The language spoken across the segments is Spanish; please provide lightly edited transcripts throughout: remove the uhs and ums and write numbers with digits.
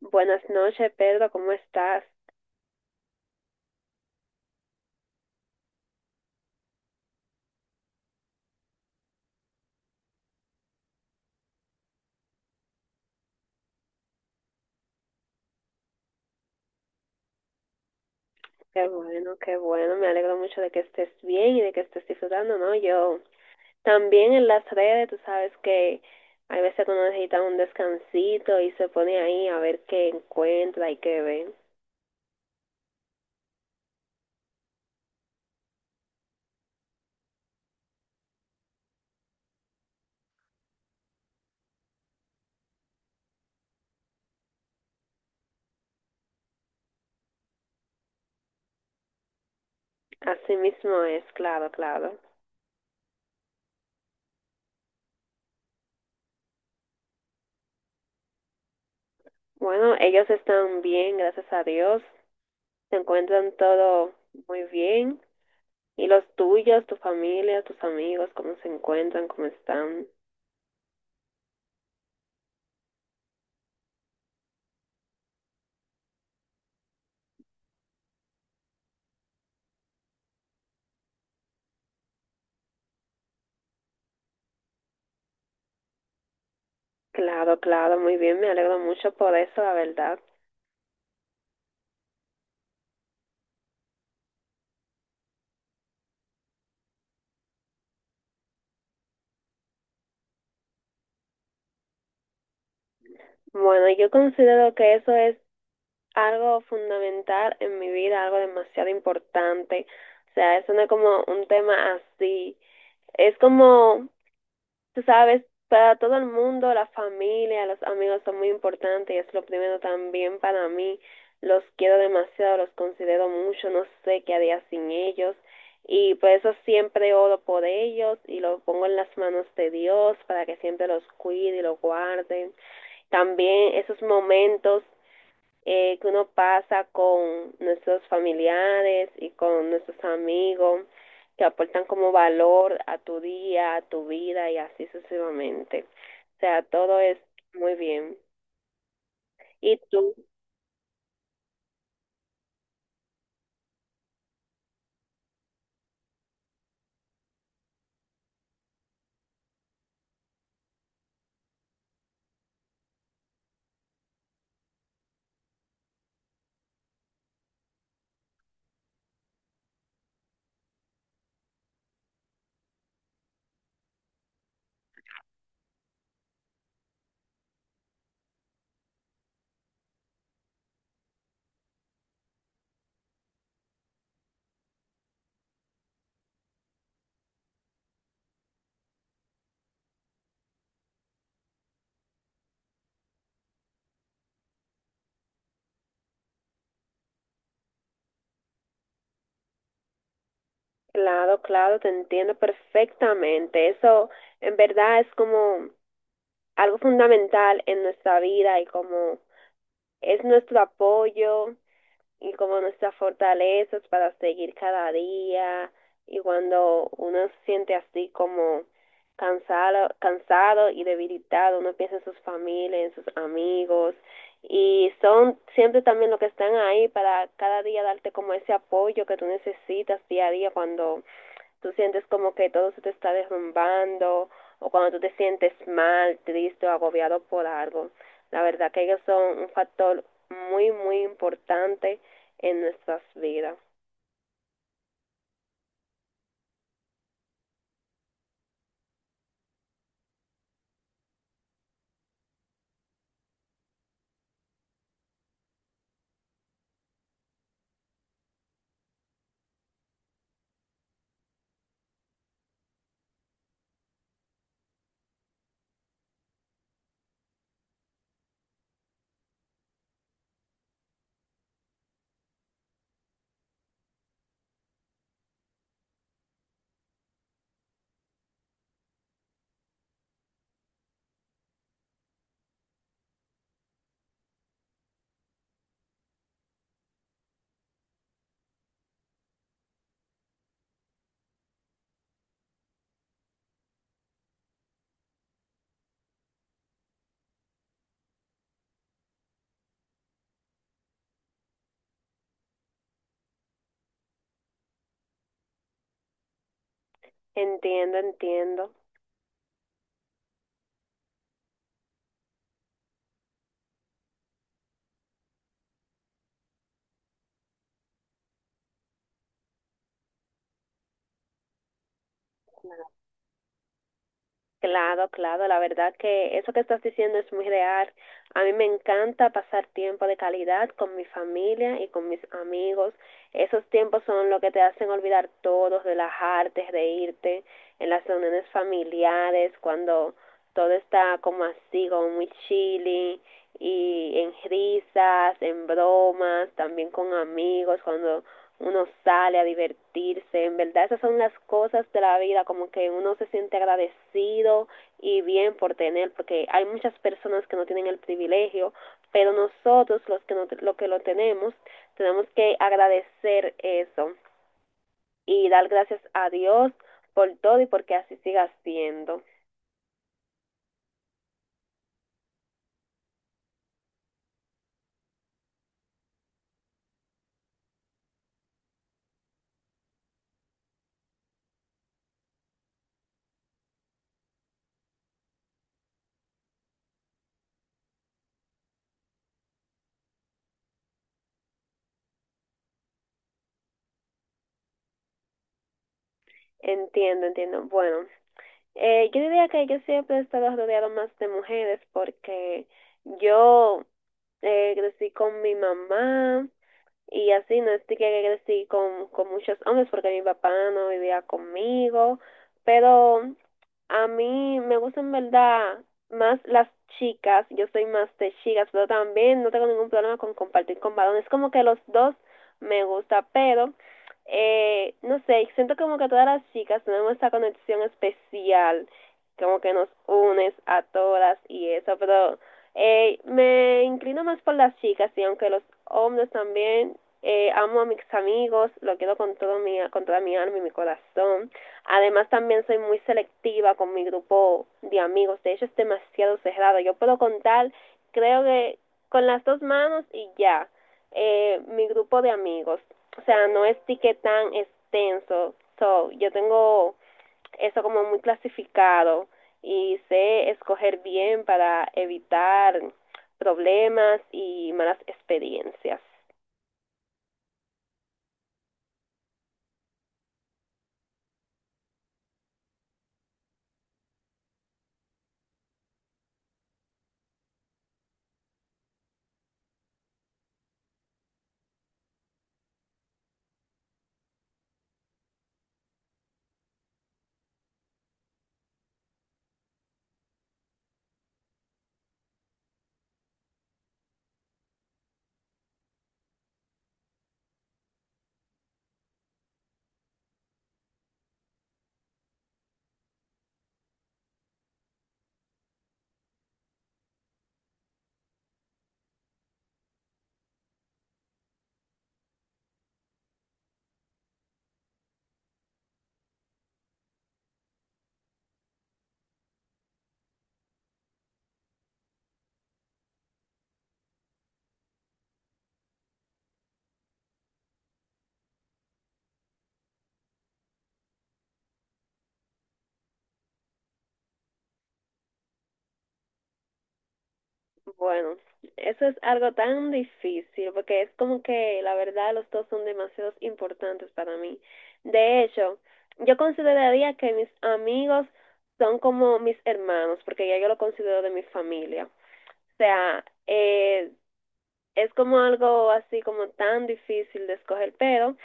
Buenas noches, Pedro, ¿cómo estás? Qué bueno, me alegro mucho de que estés bien y de que estés disfrutando, ¿no? Yo también en las redes, tú sabes que hay veces que uno necesita un descansito y se pone ahí a ver qué encuentra y qué ve. Así mismo es, claro, claro. Bueno, ellos están bien, gracias a Dios, se encuentran todo muy bien. ¿Y los tuyos, tu familia, tus amigos, cómo se encuentran, cómo están? Claro, claro, muy bien, me alegro mucho por eso, la verdad. Bueno, yo considero que eso es algo fundamental en mi vida, algo demasiado importante. O sea, eso no es como un tema así. Es como, tú sabes, para todo el mundo, la familia, los amigos son muy importantes y es lo primero también para mí. Los quiero demasiado, los considero mucho, no sé qué haría sin ellos. Y por eso siempre oro por ellos y los pongo en las manos de Dios para que siempre los cuide y los guarde. También esos momentos que uno pasa con nuestros familiares y con nuestros amigos que aportan como valor a tu día, a tu vida y así sucesivamente. O sea, todo es muy bien. Y tú, claro, claro, te entiendo perfectamente. Eso en verdad es como algo fundamental en nuestra vida y como es nuestro apoyo y como nuestras fortalezas para seguir cada día y cuando uno se siente así como cansado, cansado y debilitado, uno piensa en sus familias, en sus amigos y son siempre también los que están ahí para cada día darte como ese apoyo que tú necesitas día a día cuando tú sientes como que todo se te está derrumbando o cuando tú te sientes mal, triste o agobiado por algo. La verdad que ellos son un factor muy, muy importante en nuestras vidas. Entiendo, entiendo. Claro. Claro, claro, la verdad que eso que estás diciendo es muy real. A mí me encanta pasar tiempo de calidad con mi familia y con mis amigos. Esos tiempos son lo que te hacen olvidar todo, relajarte, reírte en las reuniones familiares, cuando todo está como así, como muy chilly, y en risas, en bromas, también con amigos, cuando uno sale a divertirse, en verdad esas son las cosas de la vida, como que uno se siente agradecido y bien por tener, porque hay muchas personas que no tienen el privilegio, pero nosotros los que, no, lo que lo tenemos, tenemos que agradecer eso y dar gracias a Dios por todo y porque así siga siendo. Entiendo, entiendo. Bueno, yo diría que yo siempre he estado rodeado más de mujeres porque yo crecí con mi mamá, y así no estoy que crecí con muchos hombres porque mi papá no vivía conmigo, pero a mí me gustan en verdad más las chicas, yo soy más de chicas, pero también no tengo ningún problema con compartir con varones, como que los dos me gusta, pero no sé, siento como que todas las chicas tenemos esta conexión especial, como que nos unes a todas y eso, pero me inclino más por las chicas y aunque los hombres también amo a mis amigos, lo quiero con, todo mi, con toda mi alma y mi corazón. Además también soy muy selectiva con mi grupo de amigos, de hecho es demasiado cerrado. Yo puedo contar, creo que con las dos manos y ya, mi grupo de amigos. O sea, no es que tan extenso. So, yo tengo eso como muy clasificado y sé escoger bien para evitar problemas y malas experiencias. Bueno, eso es algo tan difícil porque es como que la verdad los dos son demasiado importantes para mí. De hecho, yo consideraría que mis amigos son como mis hermanos porque ya yo lo considero de mi familia. O sea, es como algo así como tan difícil de escoger, pero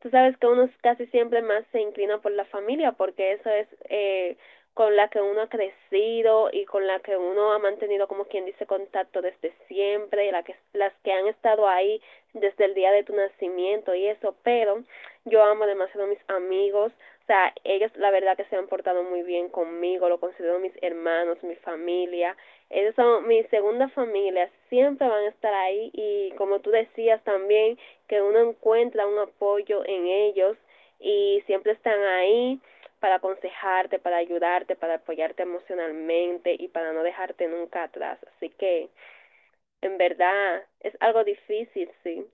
tú sabes que uno casi siempre más se inclina por la familia porque eso es con la que uno ha crecido y con la que uno ha mantenido como quien dice contacto desde siempre y la que, las que han estado ahí desde el día de tu nacimiento y eso, pero yo amo demasiado a mis amigos, o sea, ellos la verdad que se han portado muy bien conmigo, lo considero mis hermanos, mi familia, ellos son mi segunda familia, siempre van a estar ahí y como tú decías también, que uno encuentra un apoyo en ellos y siempre están ahí para aconsejarte, para ayudarte, para apoyarte emocionalmente y para no dejarte nunca atrás. Así que en verdad es algo difícil, sí.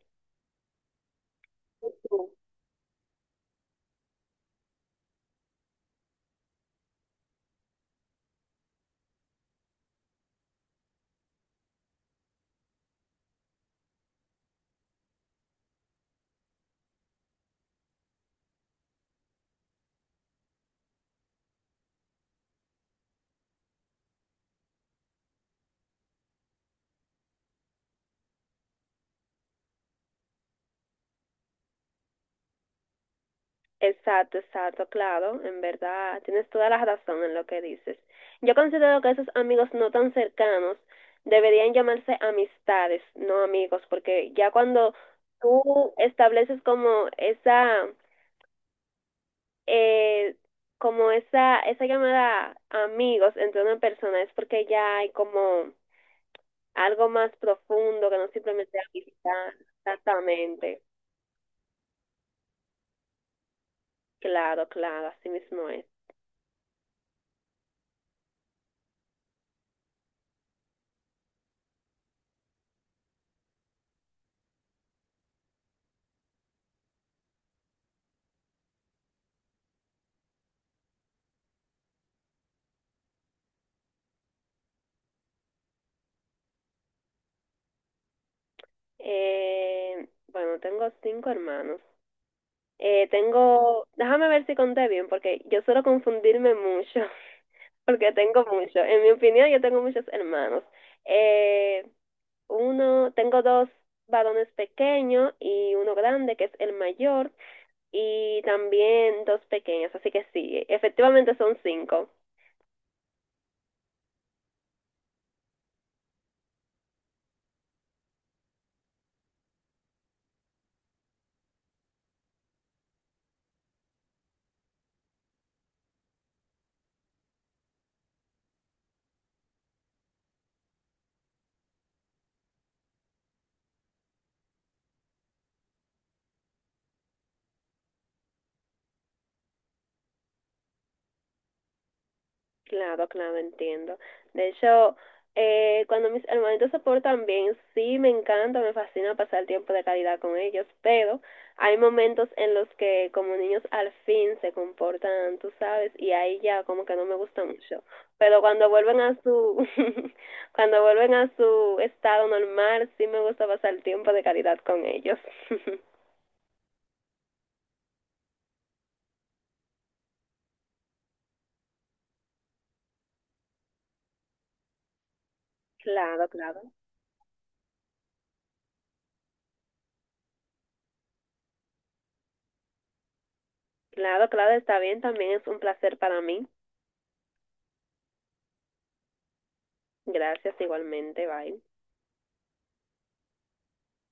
Exacto, exacto, claro, en verdad, tienes toda la razón en lo que dices. Yo considero que esos amigos no tan cercanos deberían llamarse amistades, no amigos, porque ya cuando tú estableces como esa eh, como esa llamada amigos entre una persona es porque ya hay como algo más profundo que no simplemente amistad. Exactamente, claro, claro, así mismo es. Bueno, tengo cinco hermanos. Tengo, déjame ver si conté bien, porque yo suelo confundirme mucho, porque tengo muchos. En mi opinión, yo tengo muchos hermanos. Eh, tengo dos varones pequeños y uno grande, que es el mayor. Y también dos pequeños, así que sí, efectivamente son cinco. Claro, claro, entiendo. De hecho, cuando mis hermanitos se portan bien, sí me encanta, me fascina pasar tiempo de calidad con ellos, pero hay momentos en los que como niños al fin se comportan, tú sabes, y ahí ya como que no me gusta mucho. Pero cuando vuelven a su, cuando vuelven a su estado normal, sí me gusta pasar tiempo de calidad con ellos. Claro, claro. Claro, claro, está bien. También es un placer para mí. Gracias igualmente. Bye.